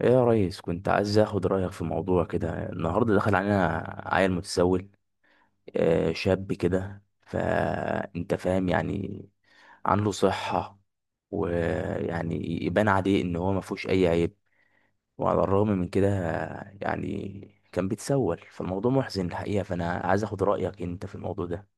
ايه يا ريس، كنت عايز اخد رايك في موضوع كده. النهارده دخل علينا عيل متسول، شاب كده، فانت فاهم. يعني عنده صحه، ويعني يبان عليه ان هو ما فيهوش اي عيب، وعلى الرغم من كده يعني كان بيتسول. فالموضوع محزن الحقيقه، فانا عايز اخد رايك انت في الموضوع ده.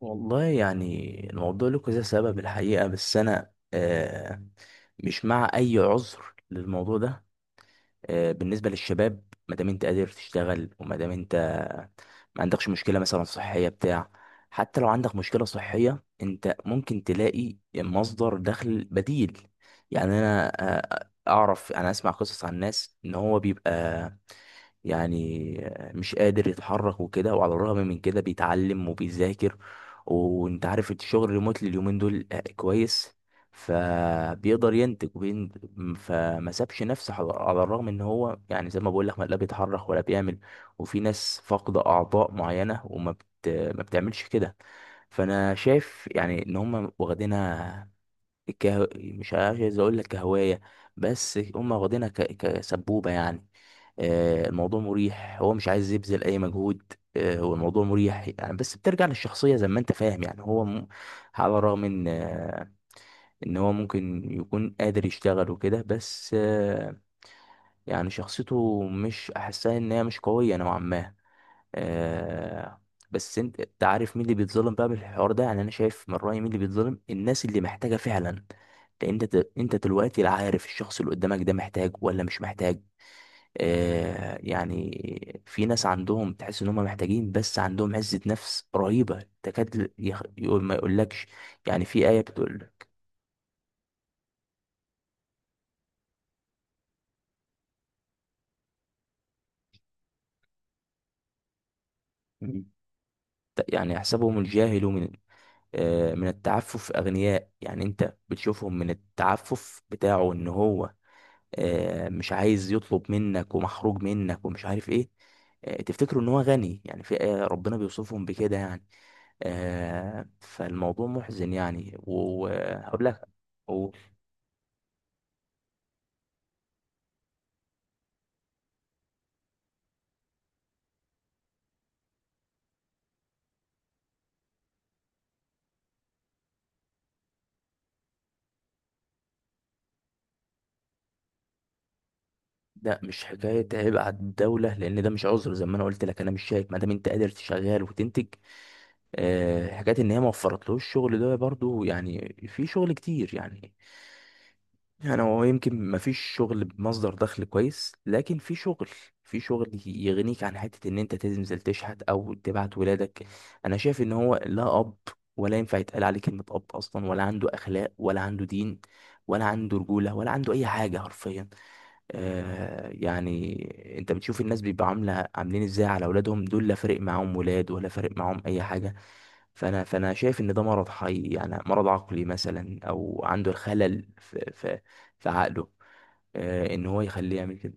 والله يعني الموضوع له كذا سبب الحقيقه، بس انا مش مع اي عذر للموضوع ده. بالنسبة للشباب، ما دام انت قادر تشتغل وما دام انت ما عندكش مشكلة مثلا صحية بتاع. حتى لو عندك مشكلة صحية، انت ممكن تلاقي مصدر دخل بديل. يعني انا اعرف، انا اسمع قصص عن ناس ان هو بيبقى يعني مش قادر يتحرك وكده، وعلى الرغم من كده بيتعلم وبيذاكر. وانت عارف الشغل ريموتلي اليومين دول كويس، فبيقدر ينتج وبين. فما سابش نفسه، على الرغم ان هو يعني زي ما بقول لك لا بيتحرك ولا بيعمل. وفي ناس فاقدة اعضاء معينة ما بتعملش كده. فانا شايف يعني ان هم واخدينها مش عايز اقول لك كهوايه، بس هم واخدينها كسبوبه يعني. الموضوع مريح، هو مش عايز يبذل اي مجهود. هو الموضوع مريح يعني، بس بترجع للشخصيه زي ما انت فاهم. يعني على الرغم ان هو ممكن يكون قادر يشتغل وكده، بس يعني شخصيته مش احسها، ان هي مش قويه نوعا ما. آه. بس انت عارف مين اللي بيتظلم بقى بالحوار ده؟ يعني انا شايف من رأيي مين اللي بيتظلم، الناس اللي محتاجة فعلا. لان انت دلوقتي لا عارف الشخص اللي قدامك ده محتاج ولا مش محتاج. آه، يعني في ناس عندهم، تحس ان هم محتاجين، بس عندهم عزة نفس رهيبة، تكاد يقول ما يقولكش. يعني في آية بتقول. مم. يعني يحسبهم الجاهل من من التعفف أغنياء. يعني أنت بتشوفهم من التعفف بتاعه، إن هو مش عايز يطلب منك، ومحروج منك ومش عارف ايه. تفتكروا ان هو غني. يعني في ربنا بيوصفهم بكده يعني. فالموضوع محزن يعني، وهقول لك أقول. لا، مش حكاية عيب على الدولة، لأن ده مش عذر. زي ما أنا قلت لك، أنا مش شايف ما دام أنت قادر تشغال وتنتج. حكاية إن هي ما وفرتلوش الشغل، ده برضو يعني في شغل كتير يعني. يعني هو يمكن ما فيش شغل بمصدر دخل كويس، لكن في شغل يغنيك عن حتة ان انت تنزل تشحت او تبعت ولادك. انا شايف ان هو لا اب، ولا ينفع يتقال عليه كلمة اب اصلا، ولا عنده اخلاق، ولا عنده دين، ولا عنده رجولة، ولا عنده اي حاجة حرفيا. آه يعني انت بتشوف الناس بيبقى عاملين ازاي على اولادهم دول، لا فارق معاهم ولاد ولا فارق معاهم اي حاجه. فانا شايف ان ده مرض حي، يعني مرض عقلي مثلا، او عنده الخلل في عقله، آه، ان هو يخليه يعمل كده.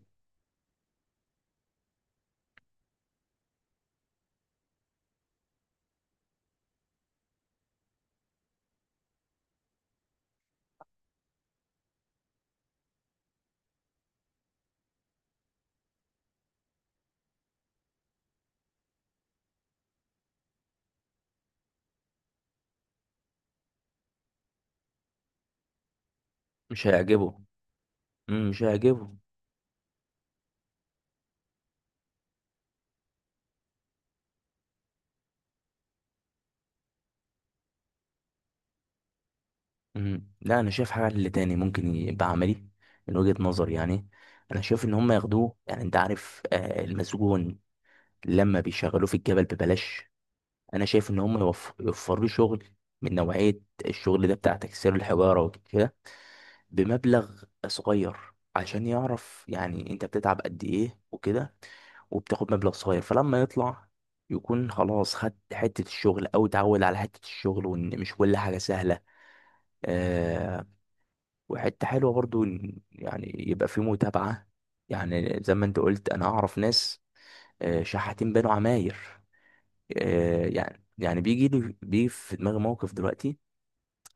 مش هيعجبه. مم، مش هيعجبه. مم. لا، انا شايف حاجه اللي تاني ممكن يبقى عملي من وجهه نظري يعني. انا شايف ان هم ياخدوه، يعني انت عارف آه المسجون لما بيشغلوه في الجبل ببلاش. انا شايف ان هم يوفروا لي شغل من نوعيه الشغل ده، بتاع تكسير الحجاره وكده، بمبلغ صغير، عشان يعرف يعني انت بتتعب قد ايه وكده، وبتاخد مبلغ صغير. فلما يطلع، يكون خلاص خد حته الشغل، او اتعود على حته الشغل، وان مش كل حاجه سهله. آه، وحته حلوه برضو إن يعني يبقى في متابعه. يعني زي ما انت قلت، انا اعرف ناس شحاتين بنوا عماير. يعني بيجي في دماغي موقف دلوقتي.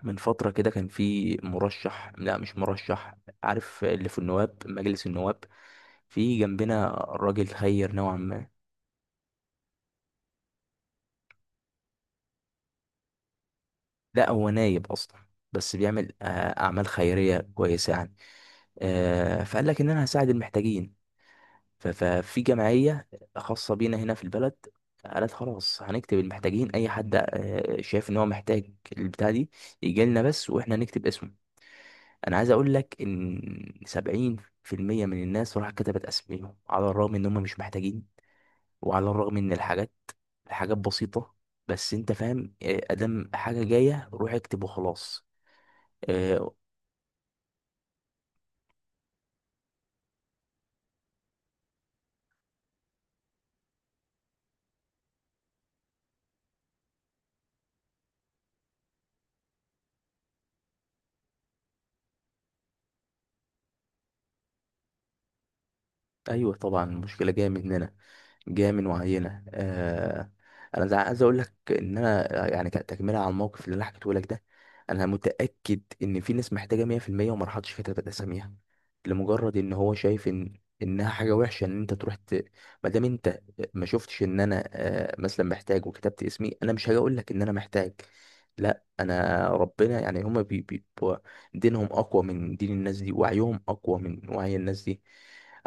من فترة كده كان في مرشح لا مش مرشح، عارف اللي في مجلس النواب، في جنبنا راجل خير نوعا ما. لا هو نايب أصلا، بس بيعمل أعمال خيرية كويسة يعني. فقال لك إن أنا هساعد المحتاجين. ففي جمعية خاصة بينا هنا في البلد، قالت خلاص هنكتب المحتاجين. أي حد شايف إن هو محتاج البتاع دي، يجي لنا بس وإحنا هنكتب اسمه. انا عايز اقول لك ان 70% من الناس راح كتبت اسميهم، على الرغم ان هم مش محتاجين، وعلى الرغم ان الحاجات الحاجات بسيطة، بس انت فاهم. ادام حاجة جاية روح اكتب وخلاص. آه. ايوه، طبعا المشكله جايه مننا، جايه من وعينا. آه، انا عايز اقول لك ان انا يعني تكمله على الموقف اللي انا حكيته لك ده، انا متاكد ان في ناس محتاجه 100% وما راحتش كتبت اساميها، لمجرد ان هو شايف ان انها حاجه وحشه ان انت ما دام انت ما شفتش ان انا آه مثلا محتاج وكتبت اسمي، انا مش هاجي اقول لك ان انا محتاج. لا، انا ربنا يعني هما بيبقوا دينهم اقوى من دين الناس دي، وعيهم اقوى من وعي الناس دي.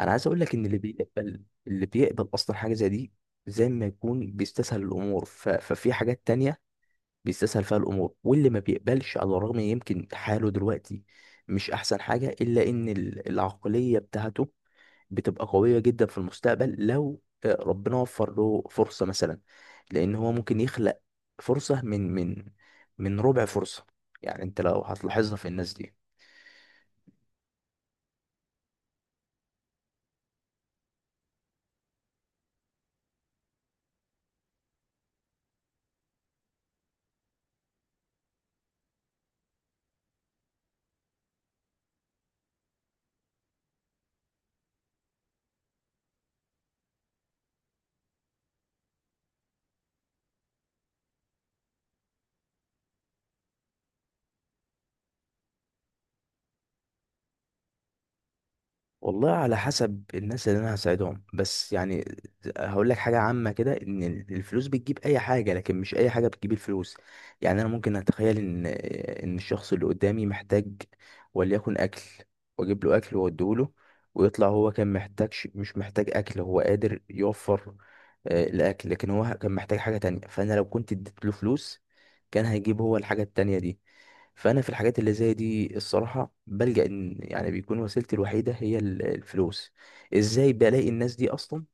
انا عايز اقول لك ان اللي بيقبل اصلا حاجه زي دي، زي ما يكون بيستسهل الامور. ففي حاجات تانية بيستسهل فيها الامور. واللي ما بيقبلش، على الرغم يمكن حاله دلوقتي مش احسن حاجه، الا ان العقليه بتاعته بتبقى قويه جدا في المستقبل، لو ربنا وفر له فرصه مثلا، لان هو ممكن يخلق فرصه من ربع فرصه. يعني انت لو هتلاحظها في الناس دي. والله على حسب الناس اللي انا هساعدهم، بس يعني هقول لك حاجه عامه كده، ان الفلوس بتجيب اي حاجه، لكن مش اي حاجه بتجيب الفلوس. يعني انا ممكن اتخيل ان الشخص اللي قدامي محتاج، وليكن اكل، واجيب له اكل واوديه له، ويطلع هو كان محتاجش مش محتاج اكل، هو قادر يوفر الاكل، لكن هو كان محتاج حاجه تانية. فانا لو كنت اديت له فلوس، كان هيجيب هو الحاجه التانية دي. فانا في الحاجات اللي زي دي الصراحه بلجأ ان يعني بيكون وسيلتي الوحيده هي الفلوس. ازاي بلاقي الناس دي اصلا؟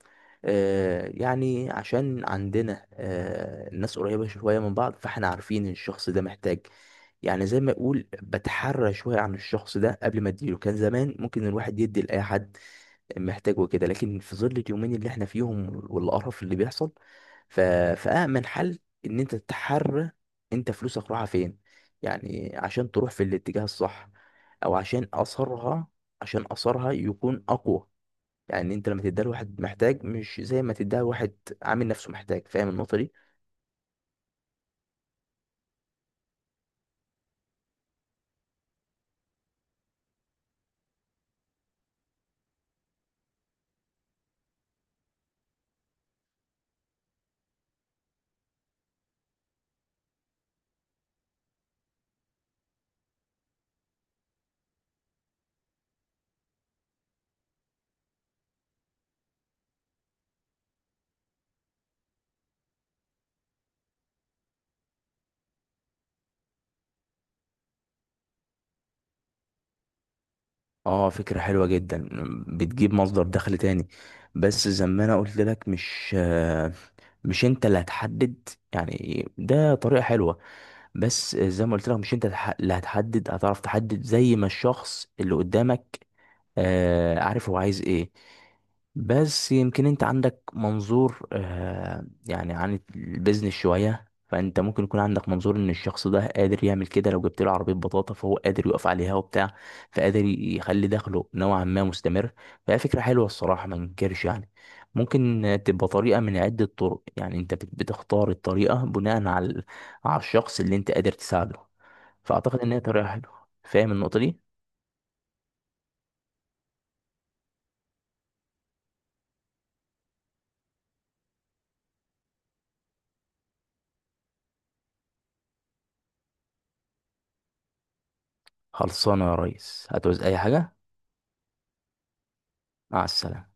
آه، يعني عشان عندنا آه الناس قريبه شويه من بعض، فاحنا عارفين إن الشخص ده محتاج. يعني زي ما اقول بتحرى شويه عن الشخص ده قبل ما اديله. كان زمان ممكن الواحد يدي لاي حد محتاجه كده، لكن في ظل اليومين اللي احنا فيهم والقرف اللي بيحصل، ف... فأأمن حل إن أنت تحرر أنت فلوسك رايحة فين، يعني عشان تروح في الاتجاه الصح، أو عشان أثرها، يكون أقوى. يعني أنت لما تديها لواحد محتاج، مش زي ما تديها لواحد عامل نفسه محتاج. فاهم النقطة دي؟ اه، فكرة حلوة جدا، بتجيب مصدر دخل تاني. بس زي ما انا قلت لك، مش انت اللي هتحدد. يعني ده طريقة حلوة، بس زي ما قلت لك مش انت اللي هتحدد، هتعرف تحدد زي ما الشخص اللي قدامك عارف هو عايز ايه. بس يمكن انت عندك منظور يعني عن البيزنس شوية، فانت ممكن يكون عندك منظور ان الشخص ده قادر يعمل كده. لو جبت له عربية بطاطا، فهو قادر يقف عليها وبتاع، فقادر يخلي دخله نوعا ما مستمر. فهي فكرة حلوة الصراحة، ما ننكرش يعني. ممكن تبقى طريقة من عدة طرق. يعني انت بتختار الطريقة بناء على على الشخص اللي انت قادر تساعده. فاعتقد ان هي طريقة حلوة. فاهم النقطة دي؟ خلصانه يا ريس، هتعوز اي حاجه. مع السلامه.